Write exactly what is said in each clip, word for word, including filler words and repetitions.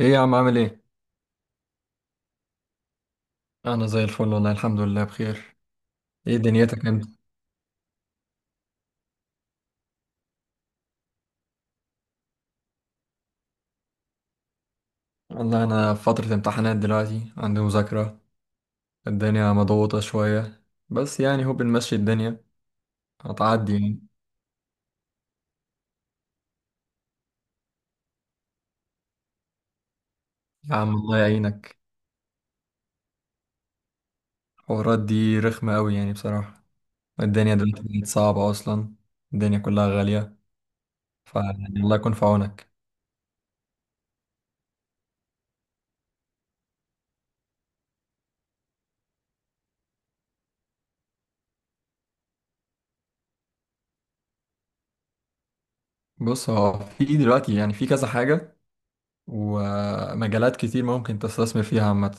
ايه يا عم عامل ايه؟ انا زي الفل والله الحمد لله بخير. ايه دنيتك انت؟ والله انا في فترة امتحانات دلوقتي عندي مذاكرة، الدنيا مضغوطة شوية، بس يعني هو بنمشي الدنيا، هتعدي يعني. يا عم الله يعينك، الحوارات دي رخمة قوي يعني بصراحة، الدنيا دلوقتي بقت صعبة اصلا، الدنيا كلها غالية، فيعني الله يكون في عونك. بص، هو في دلوقتي يعني في كذا حاجة ومجالات كتير ممكن تستثمر فيها عامة،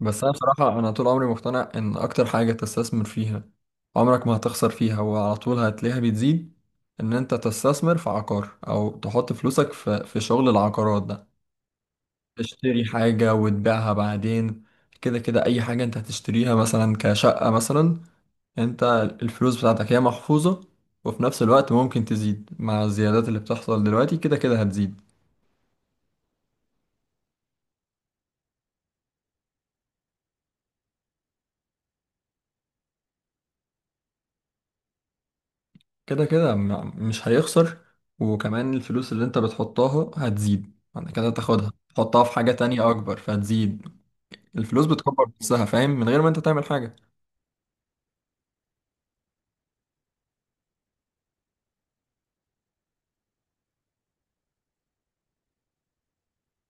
بس انا بصراحه انا طول عمري مقتنع ان اكتر حاجه تستثمر فيها، عمرك ما هتخسر فيها وعلى طول هتلاقيها بتزيد، ان انت تستثمر في عقار او تحط فلوسك في في شغل العقارات ده، تشتري حاجه وتبيعها بعدين، كده كده اي حاجه انت هتشتريها مثلا كشقه مثلا، انت الفلوس بتاعتك هي محفوظه، وفي نفس الوقت ممكن تزيد مع الزيادات اللي بتحصل دلوقتي، كده كده هتزيد. كده كده م- مش هيخسر، وكمان الفلوس اللي انت بتحطها هتزيد، بعد كده تاخدها تحطها في حاجة تانية أكبر فهتزيد، الفلوس بتكبر نفسها، فاهم، من غير ما انت تعمل حاجة.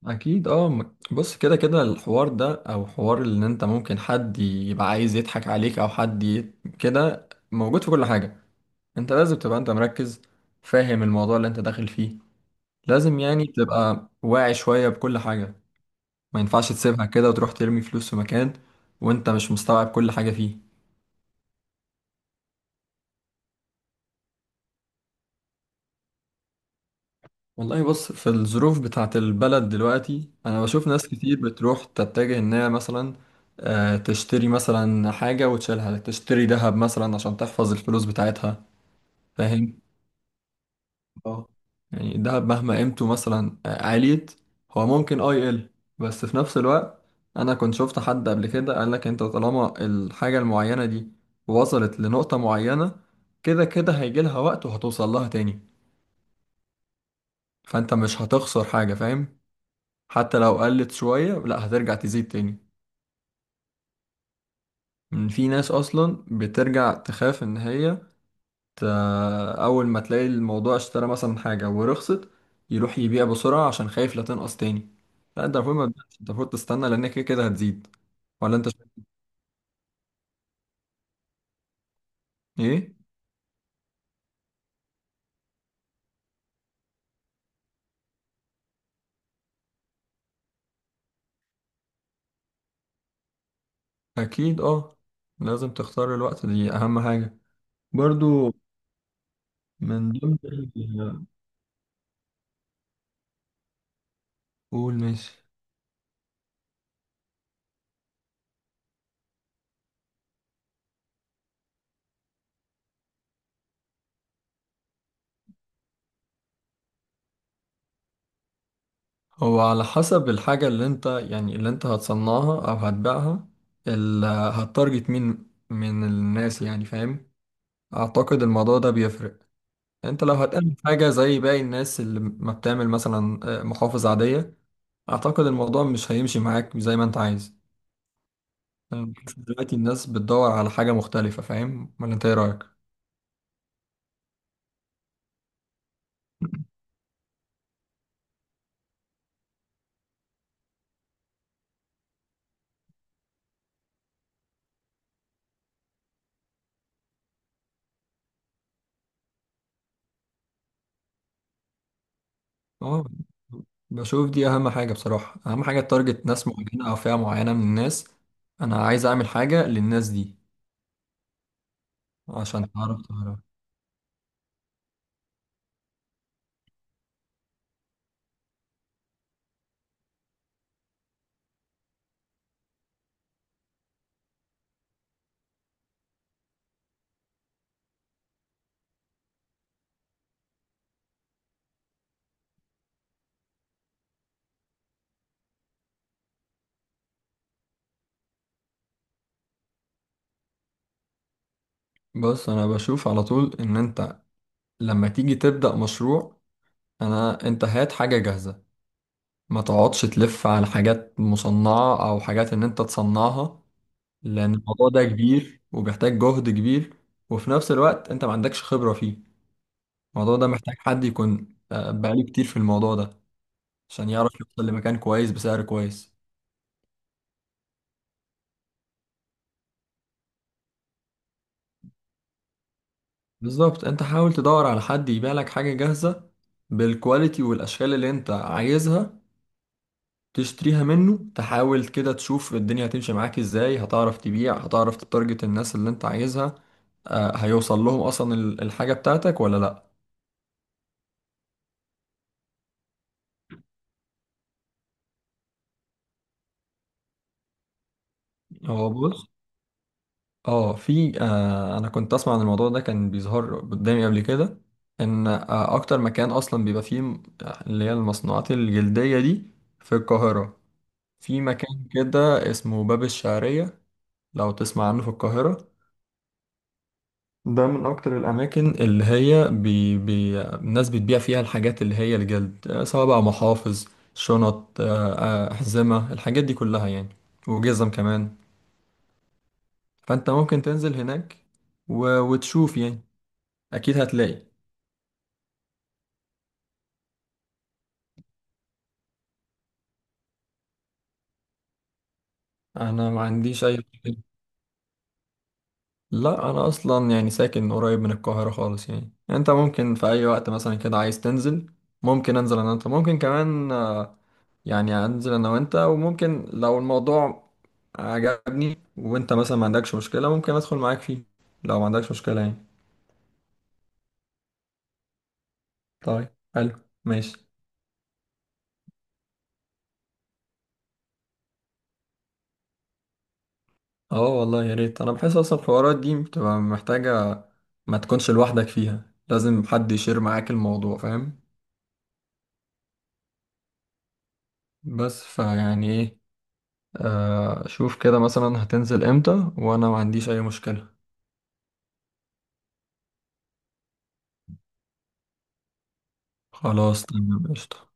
أكيد اه، م- بص كده كده الحوار ده أو حوار إن انت ممكن حد يبقى عايز يضحك عليك أو حد ي- كده موجود في كل حاجة، انت لازم تبقى انت مركز، فاهم الموضوع اللي انت داخل فيه، لازم يعني تبقى واعي شوية بكل حاجة، ما ينفعش تسيبها كده وتروح ترمي فلوس في مكان وانت مش مستوعب كل حاجة فيه. والله بص، في الظروف بتاعت البلد دلوقتي انا بشوف ناس كتير بتروح تتجه انها مثلا آه، تشتري مثلا حاجة وتشيلها، تشتري ذهب مثلا عشان تحفظ الفلوس بتاعتها، فاهم. اه، يعني الذهب مهما قيمته مثلا آه، عاليت، هو ممكن اه يقل، بس في نفس الوقت انا كنت شفت حد قبل كده قال لك: انت طالما الحاجة المعينة دي وصلت لنقطة معينة، كده كده هيجي لها وقت وهتوصل لها تاني، فانت مش هتخسر حاجة، فاهم، حتى لو قلت شوية لا هترجع تزيد تاني. إن في ناس أصلا بترجع تخاف إن هي ت... أول ما تلاقي الموضوع اشترى مثلا حاجة ورخصت، يروح يبيع بسرعة عشان خايف لا تنقص تاني، لا أنت المفروض ما تبيعش، أنت المفروض تستنى لأن كده كده هتزيد. ولا أنت شايف إيه؟ أكيد أه، لازم تختار الوقت، دي أهم حاجة برضو. من ضمن ال- قول، ماشي. هو على حسب الحاجة اللي انت يعني اللي انت هتصنعها او هتبيعها، اللي هتارجت مين من الناس يعني، فاهم، اعتقد الموضوع ده بيفرق. انت لو هتعمل حاجة زي باقي الناس اللي ما بتعمل مثلا آه، محافظ عادية، اعتقد الموضوع مش هيمشي معاك زي ما انت عايز. أنا بحس دلوقتي الناس بتدور على حاجة مختلفة، فاهم، ولا انت ايه رأيك؟ اه، بشوف دي اهم حاجة بصراحة، اهم حاجة تارجت ناس معينة او فئة معينة من الناس، انا عايز اعمل حاجة للناس دي عشان تعرف تعرف بص انا بشوف على طول ان انت لما تيجي تبدأ مشروع، انا انت هات حاجة جاهزة، ما تقعدش تلف على حاجات مصنعة او حاجات ان انت تصنعها، لان الموضوع ده كبير وبيحتاج جهد كبير، وفي نفس الوقت انت ما عندكش خبرة فيه، الموضوع ده محتاج حد يكون آه، بقاله كتير في الموضوع ده عشان يعرف يوصل لمكان كويس بسعر كويس. بالظبط، انت حاول تدور على حد يبيع لك حاجة جاهزة بالكواليتي والاشكال اللي انت عايزها، تشتريها منه، تحاول كده تشوف الدنيا هتمشي معاك ازاي، هتعرف تبيع، هتعرف تتارجت الناس اللي انت عايزها، آه، هيوصل لهم اصلا ال- الحاجة بتاعتك ولا لا. هو بص، اه في آه، انا كنت اسمع عن الموضوع ده، كان بيظهر قدامي قبل كده ان آه اكتر مكان اصلا بيبقى فيه م- اللي هي المصنوعات الجلدية دي في القاهرة، في مكان كده اسمه باب الشعرية، لو تسمع عنه، في القاهرة ده من أكتر الأماكن اللي هي بي بي الناس بتبيع فيها الحاجات اللي هي الجلد، آه، سواء بقى محافظ، شنط، آه، آه، أحزمة، الحاجات دي كلها يعني، وجزم كمان. فأنت ممكن تنزل هناك و- وتشوف يعني، أكيد هتلاقي. أنا ما عنديش أي مشكلة. لا أنا أصلا يعني ساكن قريب من القاهرة خالص، يعني أنت ممكن في أي وقت مثلا كده عايز تنزل ممكن أنزل أنا، أنت ممكن كمان آه، يعني هنزل انا وانت، وممكن لو الموضوع عجبني وانت مثلا ما عندكش مشكلة ممكن ادخل معاك فيه لو ما عندكش مشكلة يعني. طيب، حلو، ماشي. اه والله يا ريت، انا بحس اصلا الحوارات دي بتبقى محتاجة ما تكونش لوحدك فيها، لازم حد يشير معاك الموضوع، فاهم، بس فيعني ايه، آه شوف كده مثلا هتنزل امتى، وانا ما عنديش اي مشكلة. خلاص تمام قشطة.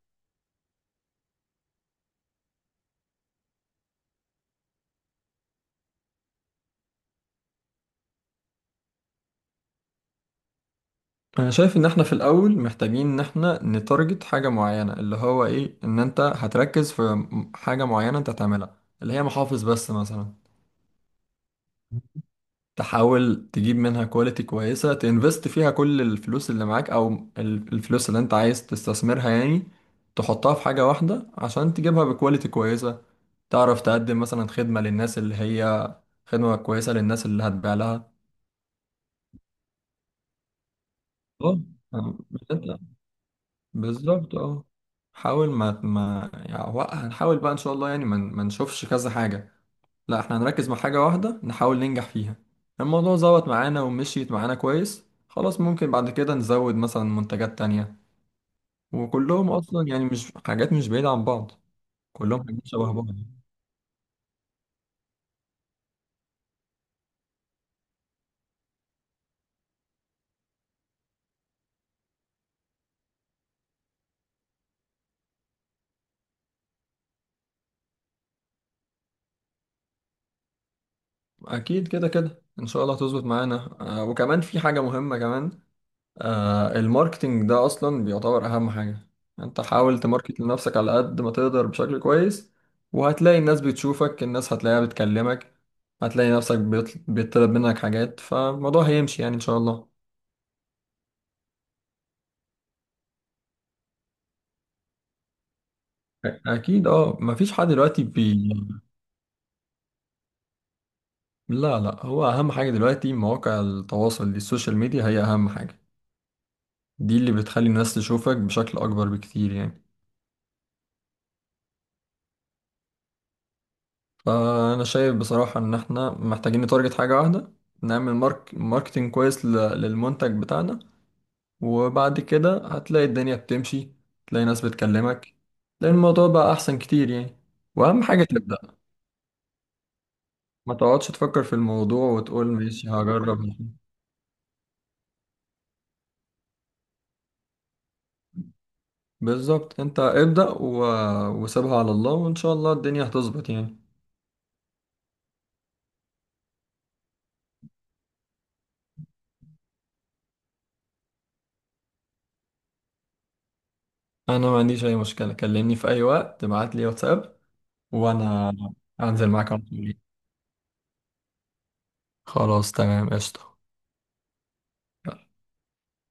انا شايف ان احنا في الاول محتاجين ان احنا نتارجت حاجه معينه، اللي هو ايه، ان انت هتركز في م- حاجه معينه انت هتعملها اللي هي محافظ بس مثلا، تحاول تجيب منها كواليتي كويسه، تنفست فيها كل الفلوس اللي معاك او ال- الفلوس اللي انت عايز تستثمرها يعني، تحطها في حاجه واحده عشان تجيبها بكواليتي كويسه، تعرف تقدم مثلا خدمه للناس اللي هي خدمه كويسه للناس اللي هتبيع لها. اه. أم، بالظبط اه، حاول ما ما يعني هو- هنحاول بقى ان شاء الله يعني ما ن- ما نشوفش كذا حاجة، لا احنا هنركز مع حاجة واحدة نحاول ننجح فيها، الموضوع ظبط معانا ومشيت معانا كويس خلاص ممكن بعد كده نزود مثلا منتجات تانية، وكلهم اصلا يعني مش حاجات مش بعيدة عن بعض، كلهم حاجات شبه بعض. اكيد كده كده ان شاء الله هتظبط معانا، آه، وكمان في حاجة مهمة كمان، آه الماركتينج ده اصلا بيعتبر اهم حاجة، انت حاول تماركت لنفسك على قد ما تقدر بشكل كويس، وهتلاقي الناس بتشوفك، الناس هتلاقيها بتكلمك، هتلاقي نفسك بيطل- بيطلب منك حاجات، فالموضوع هيمشي يعني ان شاء الله. أ- اكيد اه، مفيش حد دلوقتي بي. لا لا، هو اهم حاجة دلوقتي مواقع التواصل دي، السوشيال ميديا هي اهم حاجة، دي اللي بتخلي الناس تشوفك بشكل اكبر بكتير يعني. فأنا شايف بصراحة إن إحنا محتاجين نتارجت حاجة واحدة، نعمل مارك ماركتينج كويس ل- للمنتج بتاعنا، وبعد كده هتلاقي الدنيا بتمشي، تلاقي ناس بتكلمك، تلاقي الموضوع بقى أحسن كتير يعني، وأهم حاجة تبدأ، ما تقعدش تفكر في الموضوع وتقول ماشي هجرب. بالظبط، أنت ابدأ و... وسيبها على الله وإن شاء الله الدنيا هتظبط يعني. أنا ما عنديش أي مشكلة، كلمني في أي وقت ابعت لي واتساب وأنا هنزل معاك على طول. خلاص تمام قشطة.